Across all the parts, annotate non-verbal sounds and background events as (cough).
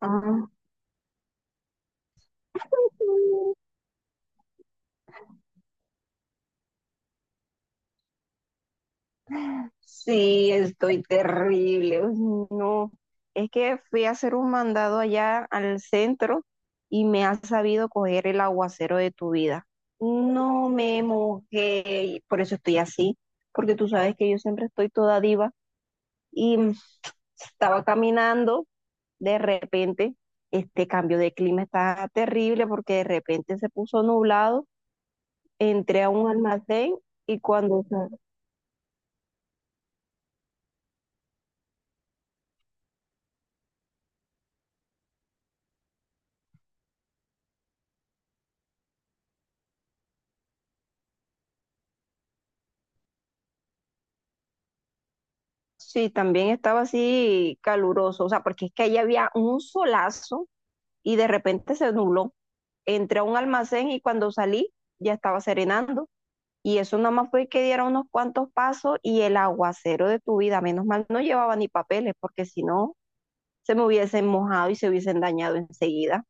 Ah, sí, estoy terrible. Uy, no, es que fui a hacer un mandado allá al centro y me ha sabido coger el aguacero de tu vida. No me mojé, y por eso estoy así, porque tú sabes que yo siempre estoy toda diva y estaba caminando, de repente este cambio de clima está terrible porque de repente se puso nublado, entré a un almacén y Sí, también estaba así caluroso, o sea, porque es que ahí había un solazo y de repente se nubló. Entré a un almacén y cuando salí ya estaba serenando y eso nada más fue que diera unos cuantos pasos y el aguacero de tu vida, menos mal no llevaba ni papeles porque si no se me hubiesen mojado y se hubiesen dañado enseguida.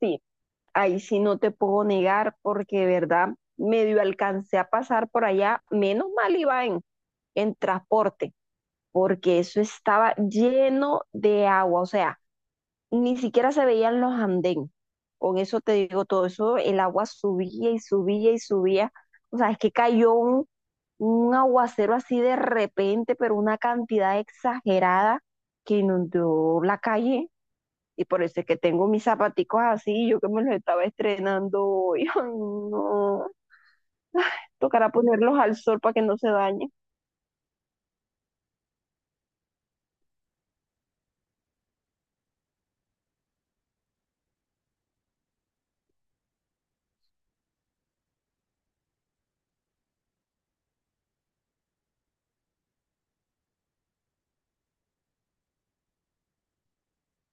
Sí, ahí sí no te puedo negar porque de verdad medio alcancé a pasar por allá, menos mal iba en transporte porque eso estaba lleno de agua, o sea, ni siquiera se veían los andén. Con eso te digo todo, eso el agua subía y subía y subía. O sea, es que cayó un aguacero así de repente, pero una cantidad exagerada que inundó la calle. Y por eso es que tengo mis zapaticos así, yo que me los estaba estrenando hoy. (laughs) Ay, no. Tocará ponerlos al sol para que no se dañen.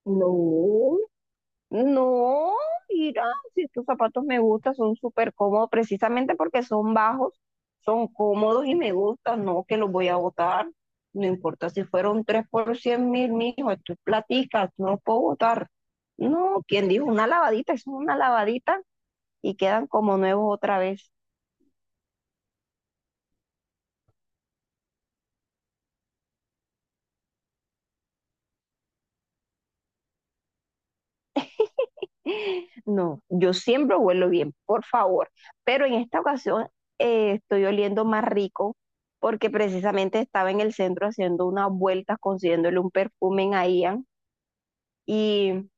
No, no, mira, si estos zapatos me gustan, son súper cómodos, precisamente porque son bajos, son cómodos y me gustan, no que los voy a botar. No importa si fueron tres por 100.000, mijo, esto es platica, no los puedo botar. No, quien dijo una lavadita, es una lavadita y quedan como nuevos otra vez. No, yo siempre huelo bien, por favor. Pero en esta ocasión estoy oliendo más rico porque precisamente estaba en el centro haciendo unas vueltas, consiguiéndole un perfume a Ian y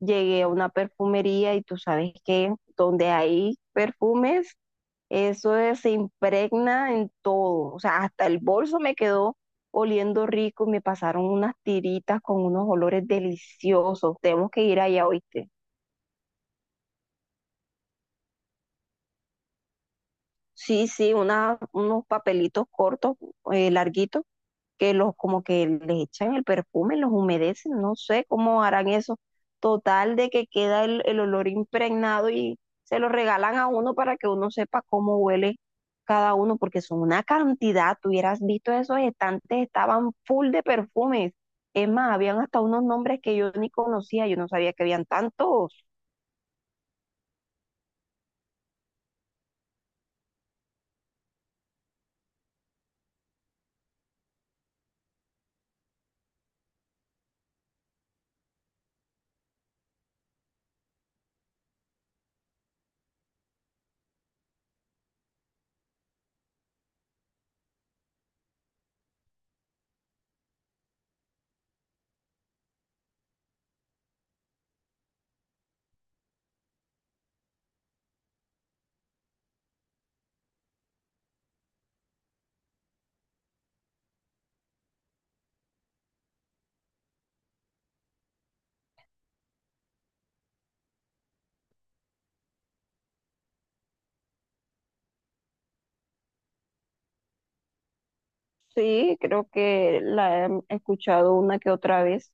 llegué a una perfumería y tú sabes que donde hay perfumes, se impregna en todo. O sea, hasta el bolso me quedó oliendo rico, y me pasaron unas tiritas con unos olores deliciosos. Tenemos que ir allá, hoy. Sí, sí, unos papelitos cortos, larguitos, que los como que les echan el perfume, los humedecen, no sé cómo harán eso. Total de que queda el olor impregnado y se lo regalan a uno para que uno sepa cómo huele cada uno, porque son una cantidad, tú hubieras visto esos estantes, estaban full de perfumes. Es más, habían hasta unos nombres que yo ni conocía, yo no sabía que habían tantos. Sí, creo que la he escuchado una que otra vez.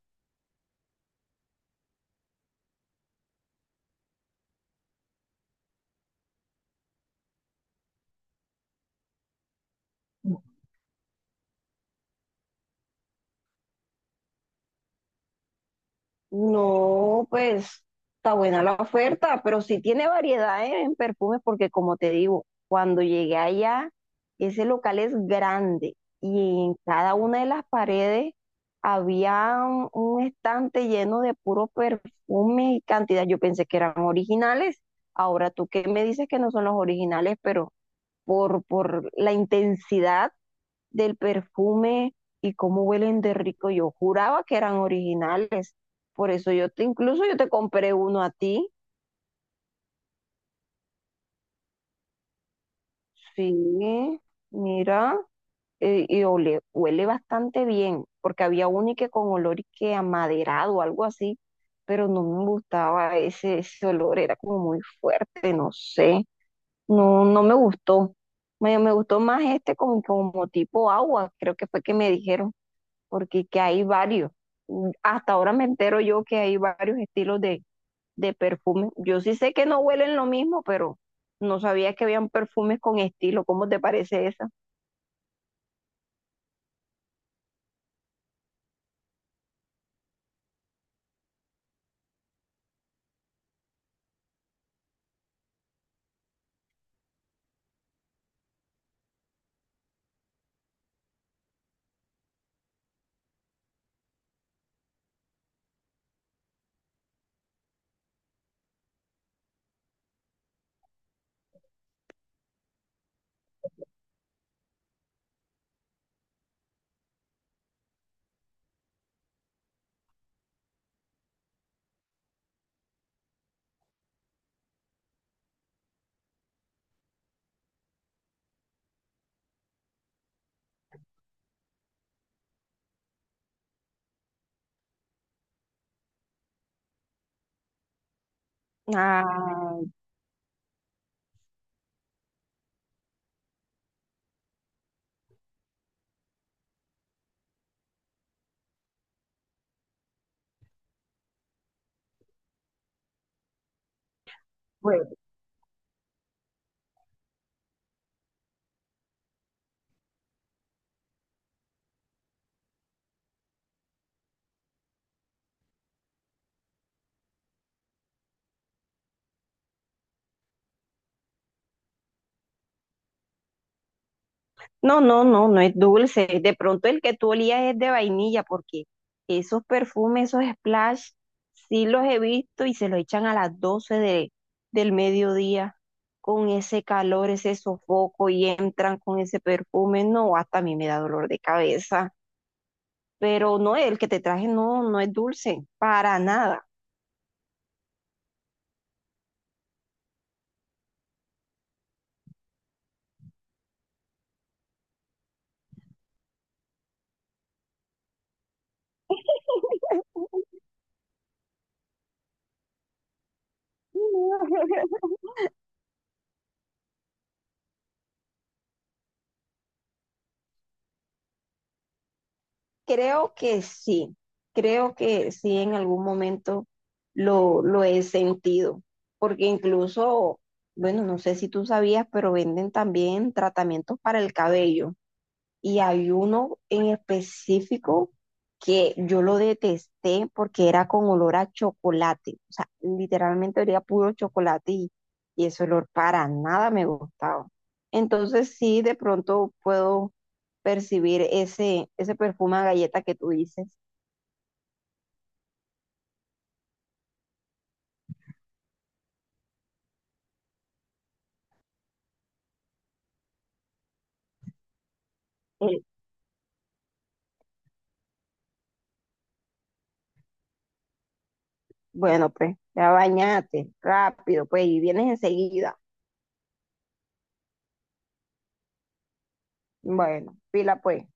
No, pues está buena la oferta, pero sí tiene variedad, ¿eh?, en perfumes porque como te digo, cuando llegué allá, ese local es grande y en cada una de las paredes había un estante lleno de puro perfume y cantidad. Yo pensé que eran originales. Ahora tú que me dices que no son los originales, pero por la intensidad del perfume y cómo huelen de rico. Yo juraba que eran originales. Por eso incluso yo te compré uno a ti. Sí, mira, huele bastante bien, porque había uno y que con olor y que amaderado o algo así, pero no me gustaba ese olor, era como muy fuerte, no sé. No, no me gustó. Me gustó más este como, como tipo agua, creo que fue que me dijeron. Porque que hay varios. Hasta ahora me entero yo que hay varios estilos de perfume. Yo sí sé que no huelen lo mismo, pero no sabía que habían perfumes con estilo. ¿Cómo te parece esa? Ah, ah, bueno. No, no, no, no es dulce. De pronto el que tú olías es de vainilla, porque esos perfumes, esos splash, sí los he visto y se los echan a las 12 del mediodía con ese calor, ese sofoco y entran con ese perfume. No, hasta a mí me da dolor de cabeza. Pero no, el que te traje no, no es dulce, para nada. (laughs) Creo que sí, creo que sí en algún momento lo he sentido, porque incluso, bueno, no sé si tú sabías, pero venden también tratamientos para el cabello. Y hay uno en específico que yo lo detesté porque era con olor a chocolate. O sea, literalmente olía puro chocolate y ese olor para nada me gustaba. Entonces sí, de pronto puedo percibir ese perfume a galleta que tú dices. Eh, bueno, pues, ya bañate, rápido, pues, y vienes enseguida. Bueno, pila pues.